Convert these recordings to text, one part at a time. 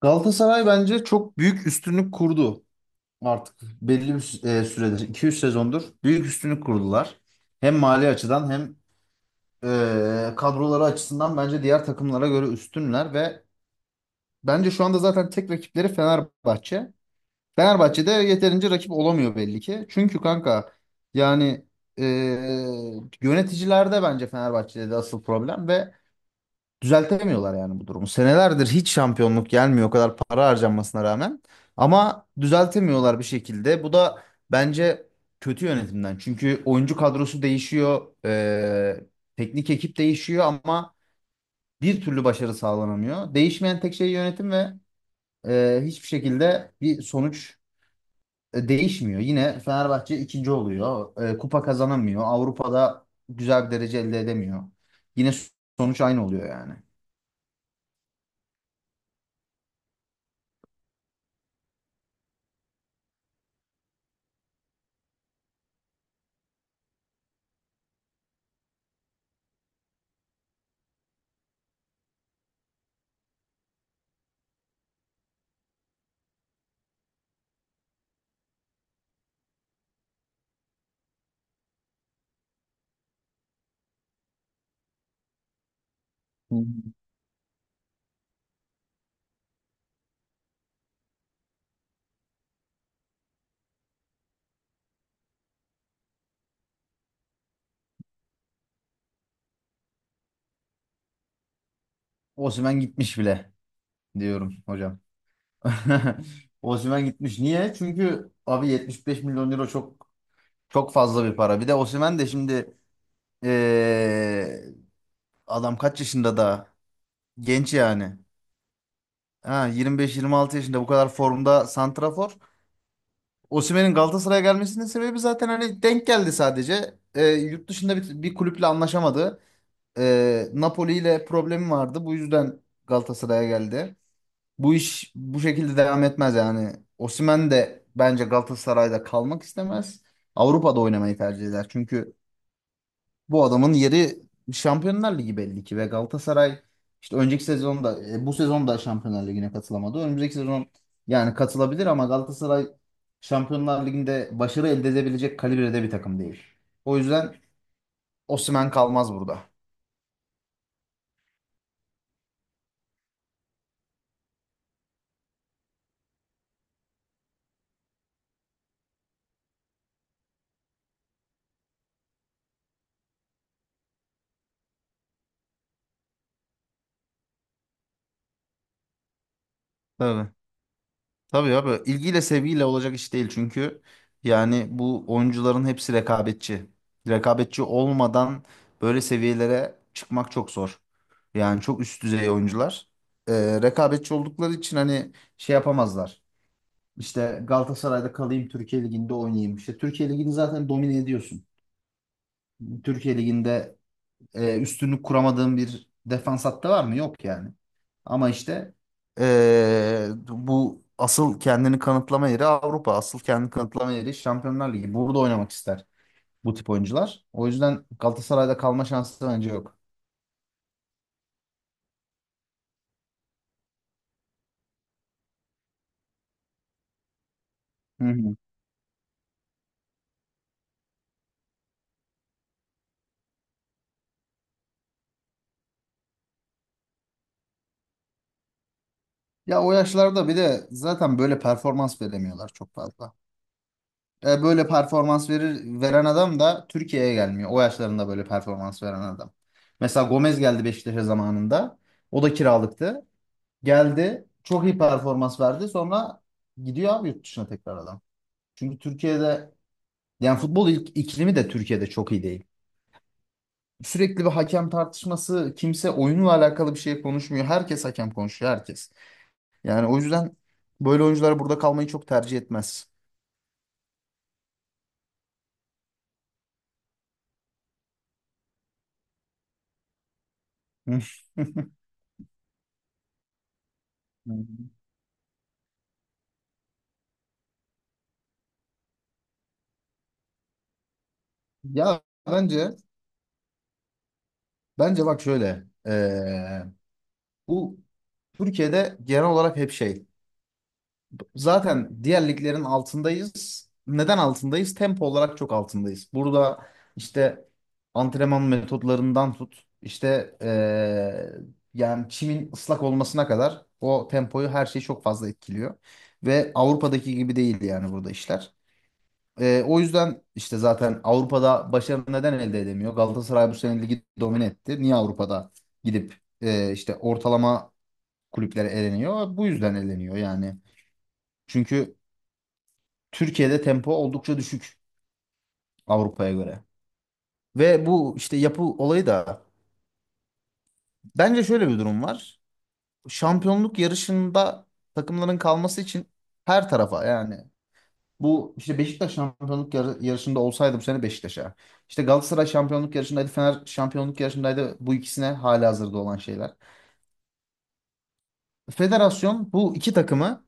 Galatasaray bence çok büyük üstünlük kurdu artık belli bir süredir 2-3 sezondur büyük üstünlük kurdular. Hem mali açıdan hem kadroları açısından bence diğer takımlara göre üstünler ve bence şu anda zaten tek rakipleri Fenerbahçe. Fenerbahçe de yeterince rakip olamıyor belli ki. Çünkü kanka yani e, yöneticilerde bence Fenerbahçe'de de asıl problem ve düzeltemiyorlar yani bu durumu. Senelerdir hiç şampiyonluk gelmiyor o kadar para harcanmasına rağmen. Ama düzeltemiyorlar bir şekilde. Bu da bence kötü yönetimden. Çünkü oyuncu kadrosu değişiyor, teknik ekip değişiyor ama bir türlü başarı sağlanamıyor. Değişmeyen tek şey yönetim ve hiçbir şekilde bir sonuç değişmiyor. Yine Fenerbahçe ikinci oluyor. Kupa kazanamıyor. Avrupa'da güzel bir derece elde edemiyor. Yine sonuç aynı oluyor yani. Osimhen gitmiş bile diyorum hocam. Osimhen gitmiş. Niye? Çünkü abi 75 milyon euro çok çok fazla bir para. Bir de Osimhen de şimdi eee, adam kaç yaşında da genç yani. Ha 25-26 yaşında bu kadar formda santrafor. Osimhen'in Galatasaray'a gelmesinin sebebi zaten hani denk geldi sadece. Yurt dışında bir kulüple anlaşamadı. Napoli ile problemi vardı. Bu yüzden Galatasaray'a geldi. Bu iş bu şekilde devam etmez yani. Osimhen de bence Galatasaray'da kalmak istemez. Avrupa'da oynamayı tercih eder. Çünkü bu adamın yeri Şampiyonlar Ligi belli ki ve Galatasaray işte önceki sezonda bu sezon da Şampiyonlar Ligi'ne katılamadı. Önümüzdeki sezon yani katılabilir ama Galatasaray Şampiyonlar Ligi'nde başarı elde edebilecek kalibrede bir takım değil. O yüzden Osimhen kalmaz burada. Tabii. Tabii abi ilgiyle sevgiyle olacak iş değil çünkü yani bu oyuncuların hepsi rekabetçi. Rekabetçi olmadan böyle seviyelere çıkmak çok zor. Yani çok üst düzey oyuncular. Rekabetçi oldukları için hani şey yapamazlar. İşte Galatasaray'da kalayım Türkiye Ligi'nde oynayayım. İşte Türkiye Ligi'ni zaten domine ediyorsun. Türkiye Ligi'nde üstünlük kuramadığın bir defans hattı var mı? Yok yani. Ama işte bu asıl kendini kanıtlama yeri Avrupa. Asıl kendini kanıtlama yeri Şampiyonlar Ligi. Burada oynamak ister bu tip oyuncular. O yüzden Galatasaray'da kalma şansı bence yok. Hı hı. Ya o yaşlarda bir de zaten böyle performans veremiyorlar çok fazla. Böyle performans veren adam da Türkiye'ye gelmiyor. O yaşlarında böyle performans veren adam. Mesela Gomez geldi Beşiktaş'a zamanında. O da kiralıktı. Geldi. Çok iyi performans verdi. Sonra gidiyor abi yurt dışına tekrar adam. Çünkü Türkiye'de yani futbol iklimi de Türkiye'de çok iyi değil. Sürekli bir hakem tartışması, kimse oyunla alakalı bir şey konuşmuyor. Herkes hakem konuşuyor, herkes. Yani o yüzden böyle oyuncular burada kalmayı çok tercih etmez. Ya bence bence bak şöyle bu Türkiye'de genel olarak hep şey. Zaten diğer liglerin altındayız. Neden altındayız? Tempo olarak çok altındayız. Burada işte antrenman metodlarından tut, işte yani çimin ıslak olmasına kadar o tempoyu her şey çok fazla etkiliyor. Ve Avrupa'daki gibi değil yani burada işler. O yüzden işte zaten Avrupa'da başarı neden elde edemiyor? Galatasaray bu sene ligi domine etti. Niye Avrupa'da gidip işte ortalama kulüplere eleniyor? Bu yüzden eleniyor yani. Çünkü Türkiye'de tempo oldukça düşük Avrupa'ya göre. Ve bu işte yapı olayı da bence şöyle bir durum var. Şampiyonluk yarışında takımların kalması için her tarafa yani bu işte Beşiktaş şampiyonluk yarışında olsaydı bu sene Beşiktaş'a. İşte Galatasaray şampiyonluk yarışındaydı, Fener şampiyonluk yarışındaydı. Bu ikisine halihazırda olan şeyler. Federasyon bu iki takımı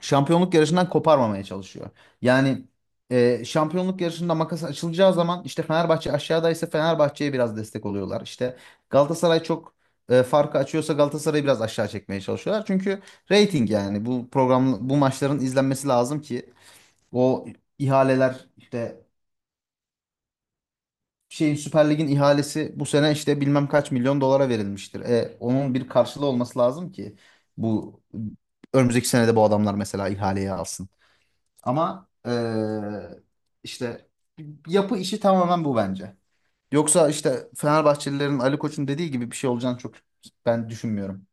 şampiyonluk yarışından koparmamaya çalışıyor. Yani şampiyonluk yarışında makas açılacağı zaman işte Fenerbahçe aşağıdaysa Fenerbahçe'ye biraz destek oluyorlar. İşte Galatasaray çok farkı açıyorsa Galatasaray'ı biraz aşağı çekmeye çalışıyorlar. Çünkü reyting yani bu program bu maçların izlenmesi lazım ki o ihaleler işte şeyin Süper Lig'in ihalesi bu sene işte bilmem kaç milyon dolara verilmiştir. Onun bir karşılığı olması lazım ki bu önümüzdeki senede bu adamlar mesela ihaleye alsın. Ama işte yapı işi tamamen bu bence. Yoksa işte Fenerbahçelilerin Ali Koç'un dediği gibi bir şey olacağını çok ben düşünmüyorum.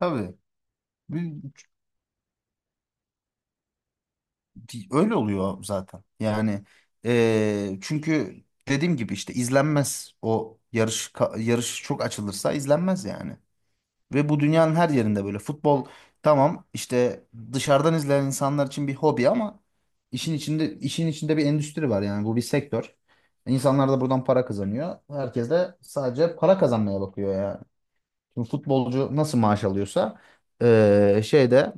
Tabii. Bir- Öyle oluyor zaten. Yani çünkü dediğim gibi işte izlenmez o yarış yarış çok açılırsa izlenmez yani. Ve bu dünyanın her yerinde böyle. Futbol tamam işte dışarıdan izleyen insanlar için bir hobi ama işin içinde bir endüstri var yani bu bir sektör. İnsanlar da buradan para kazanıyor. Herkes de sadece para kazanmaya bakıyor yani. Şimdi futbolcu nasıl maaş alıyorsa şeyde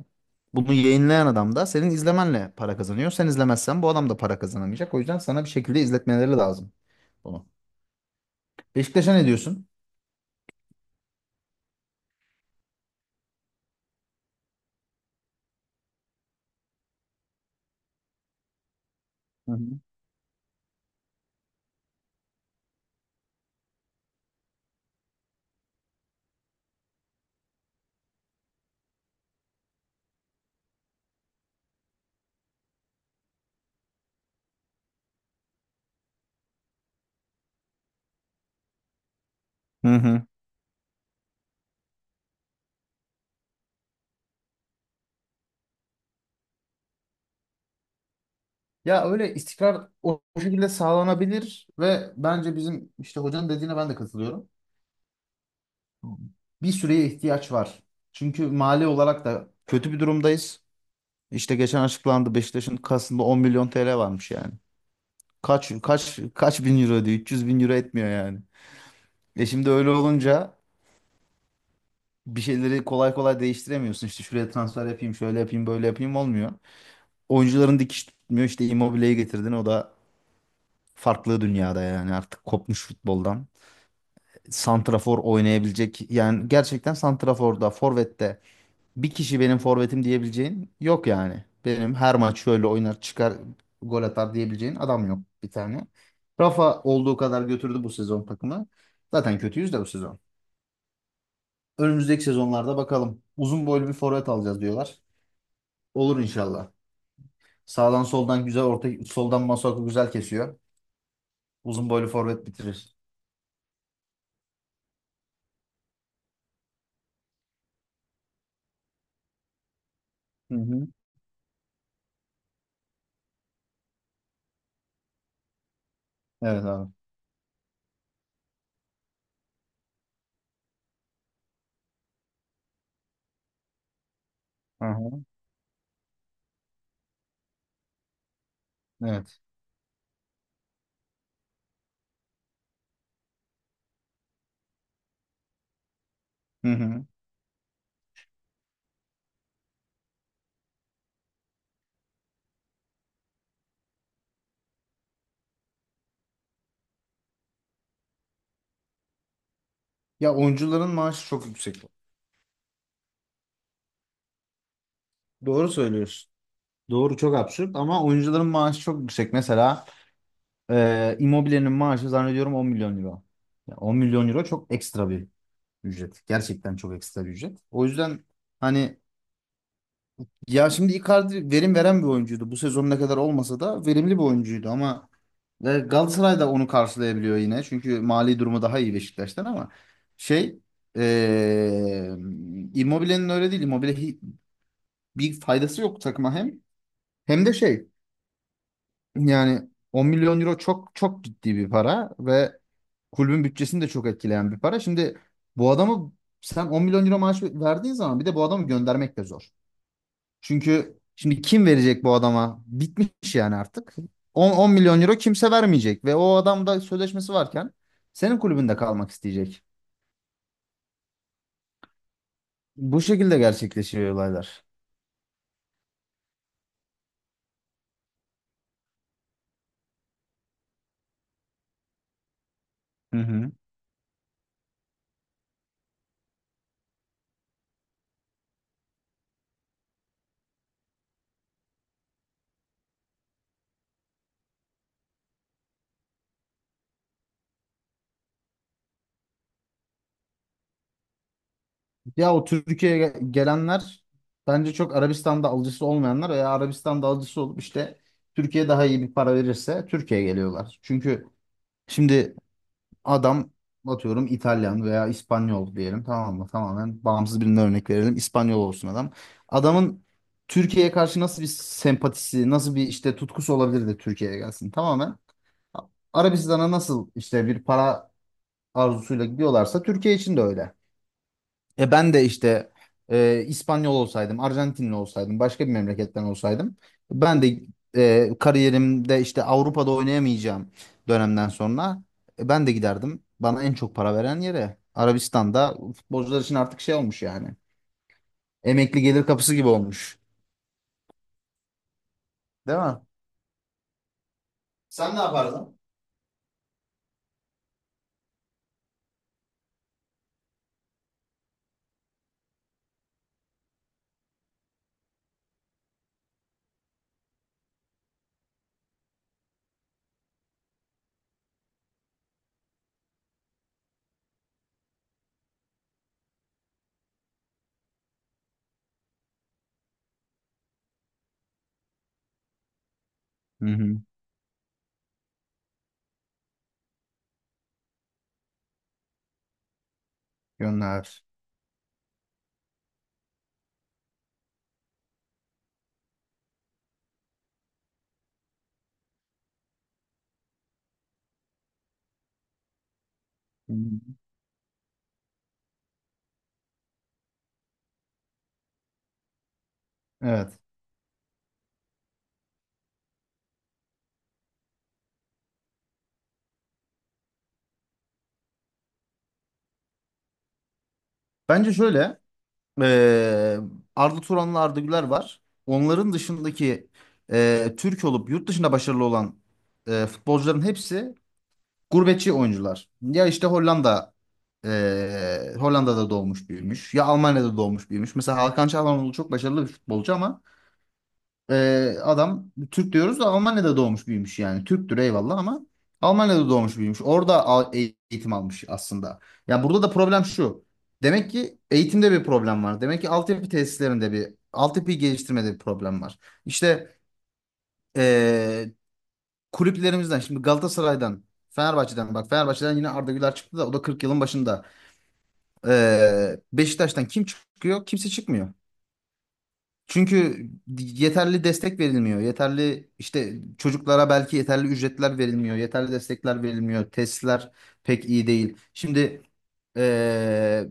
bunu yayınlayan adam da senin izlemenle para kazanıyor. Sen izlemezsen bu adam da para kazanamayacak. O yüzden sana bir şekilde izletmeleri lazım bunu. Beşiktaş'a ne diyorsun? Hı hı. Hı hı. Ya öyle istikrar o şekilde sağlanabilir ve bence bizim işte hocanın dediğine ben de katılıyorum. Bir süreye ihtiyaç var. Çünkü mali olarak da kötü bir durumdayız. İşte geçen açıklandı Beşiktaş'ın kasında 10 milyon TL varmış yani. Kaç bin euro diyor? 300 bin euro etmiyor yani. Şimdi öyle olunca bir şeyleri kolay kolay değiştiremiyorsun. İşte şuraya transfer yapayım, şöyle yapayım, böyle yapayım olmuyor. Oyuncuların dikiş tutmuyor. İşte Immobile'yi getirdin. O da farklı dünyada yani artık kopmuş futboldan. Santrafor oynayabilecek yani gerçekten santraforda, forvette bir kişi benim forvetim diyebileceğin yok yani. Benim her maç şöyle oynar çıkar gol atar diyebileceğin adam yok bir tane. Rafa olduğu kadar götürdü bu sezon takımı. Zaten kötüyüz de bu sezon. Önümüzdeki sezonlarda bakalım. Uzun boylu bir forvet alacağız diyorlar. Olur inşallah. Sağdan soldan güzel orta soldan Masuaku güzel kesiyor. Uzun boylu forvet bitirir. Hı hı. Evet abi. Hı hı. Evet. Hı hı. Ya oyuncuların maaşı çok yüksek. Doğru söylüyorsun. Doğru çok absürt ama oyuncuların maaşı çok yüksek. Mesela Immobile'nin maaşı zannediyorum 10 milyon euro. Ya 10 milyon euro çok ekstra bir ücret. Gerçekten çok ekstra bir ücret. O yüzden hani ya şimdi Icardi verim veren bir oyuncuydu. Bu sezon ne kadar olmasa da verimli bir oyuncuydu ama ve Galatasaray da onu karşılayabiliyor yine. Çünkü mali durumu daha iyi Beşiktaş'tan ama şey e, Immobile'nin öyle değil. Immobile bir faydası yok takıma hem. Hem de şey. Yani 10 milyon euro çok çok ciddi bir para ve kulübün bütçesini de çok etkileyen bir para. Şimdi bu adamı sen 10 milyon euro maaş verdiğin zaman bir de bu adamı göndermek de zor. Çünkü şimdi kim verecek bu adama? Bitmiş yani artık. 10 milyon euro kimse vermeyecek ve o adam da sözleşmesi varken senin kulübünde kalmak isteyecek. Bu şekilde gerçekleşiyor olaylar. Hı hı. Ya o Türkiye'ye gelenler bence çok Arabistan'da alıcısı olmayanlar veya Arabistan'da alıcısı olup işte Türkiye daha iyi bir para verirse Türkiye'ye geliyorlar. Çünkü şimdi adam atıyorum İtalyan veya İspanyol diyelim tamam mı? Tamamen bağımsız birine örnek verelim. İspanyol olsun adam. Adamın Türkiye'ye karşı nasıl bir sempatisi, nasıl bir işte tutkusu olabilir de Türkiye'ye gelsin. Tamamen Arabistan'a nasıl işte bir para arzusuyla gidiyorlarsa Türkiye için de öyle. Ben de işte İspanyol olsaydım, Arjantinli olsaydım, başka bir memleketten olsaydım ben de kariyerimde işte Avrupa'da oynayamayacağım dönemden sonra ben de giderdim. Bana en çok para veren yere Arabistan'da futbolcular için artık şey olmuş yani. Emekli gelir kapısı gibi olmuş. Değil mi? Sen ne yapardın? Hı hı. Gönder. Hı hı. Evet. Bence şöyle. Ee, Arda Turan'la Arda Güler var. Onların dışındaki Türk olup yurt dışında başarılı olan futbolcuların hepsi gurbetçi oyuncular. Ya işte Hollanda Hollanda'da doğmuş büyümüş ya Almanya'da doğmuş büyümüş. Mesela Hakan Çalhanoğlu çok başarılı bir futbolcu ama adam Türk diyoruz da Almanya'da doğmuş büyümüş yani. Türktür eyvallah ama Almanya'da doğmuş büyümüş. Orada eğitim almış aslında. Ya burada da problem şu. Demek ki eğitimde bir problem var. Demek ki altyapı tesislerinde bir altyapı geliştirmede bir problem var. İşte ee, kulüplerimizden şimdi Galatasaray'dan Fenerbahçe'den bak Fenerbahçe'den yine Arda Güler çıktı da o da 40 yılın başında. Beşiktaş'tan kim çıkıyor? Kimse çıkmıyor. Çünkü yeterli destek verilmiyor. Yeterli işte çocuklara belki yeterli ücretler verilmiyor. Yeterli destekler verilmiyor. Testler pek iyi değil. Şimdi eee,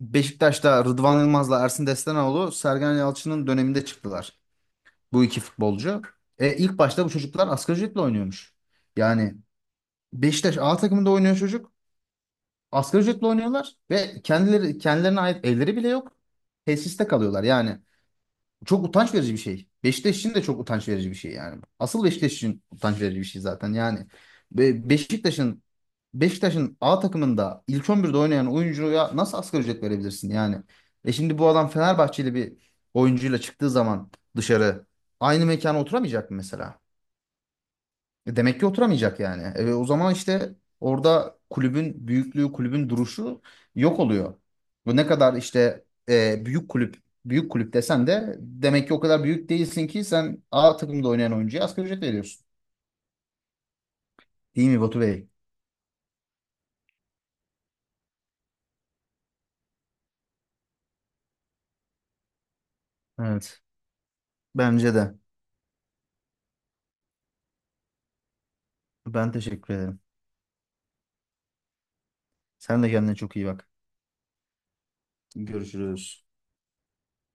Beşiktaş'ta Rıdvan Yılmaz'la Ersin Destanoğlu Sergen Yalçın'ın döneminde çıktılar. Bu iki futbolcu. E, ilk başta bu çocuklar asgari ücretle oynuyormuş. Yani Beşiktaş A takımında oynuyor çocuk. Asgari ücretle oynuyorlar ve kendileri kendilerine ait evleri bile yok. Tesiste kalıyorlar. Yani çok utanç verici bir şey. Beşiktaş için de çok utanç verici bir şey yani. Asıl Beşiktaş için utanç verici bir şey zaten yani. Be- Beşiktaş'ın Beşiktaş'ın A takımında ilk 11'de oynayan oyuncuya nasıl asgari ücret verebilirsin yani? Şimdi bu adam Fenerbahçeli bir oyuncuyla çıktığı zaman dışarı aynı mekana oturamayacak mı mesela? Demek ki oturamayacak yani. O zaman işte orada kulübün büyüklüğü, kulübün duruşu yok oluyor. Bu ne kadar işte büyük kulüp, büyük kulüp desen de demek ki o kadar büyük değilsin ki sen A takımda oynayan oyuncuya asgari ücret veriyorsun. Değil mi Batu Bey? Evet. Bence de. Ben teşekkür ederim. Sen de kendine çok iyi bak. Görüşürüz.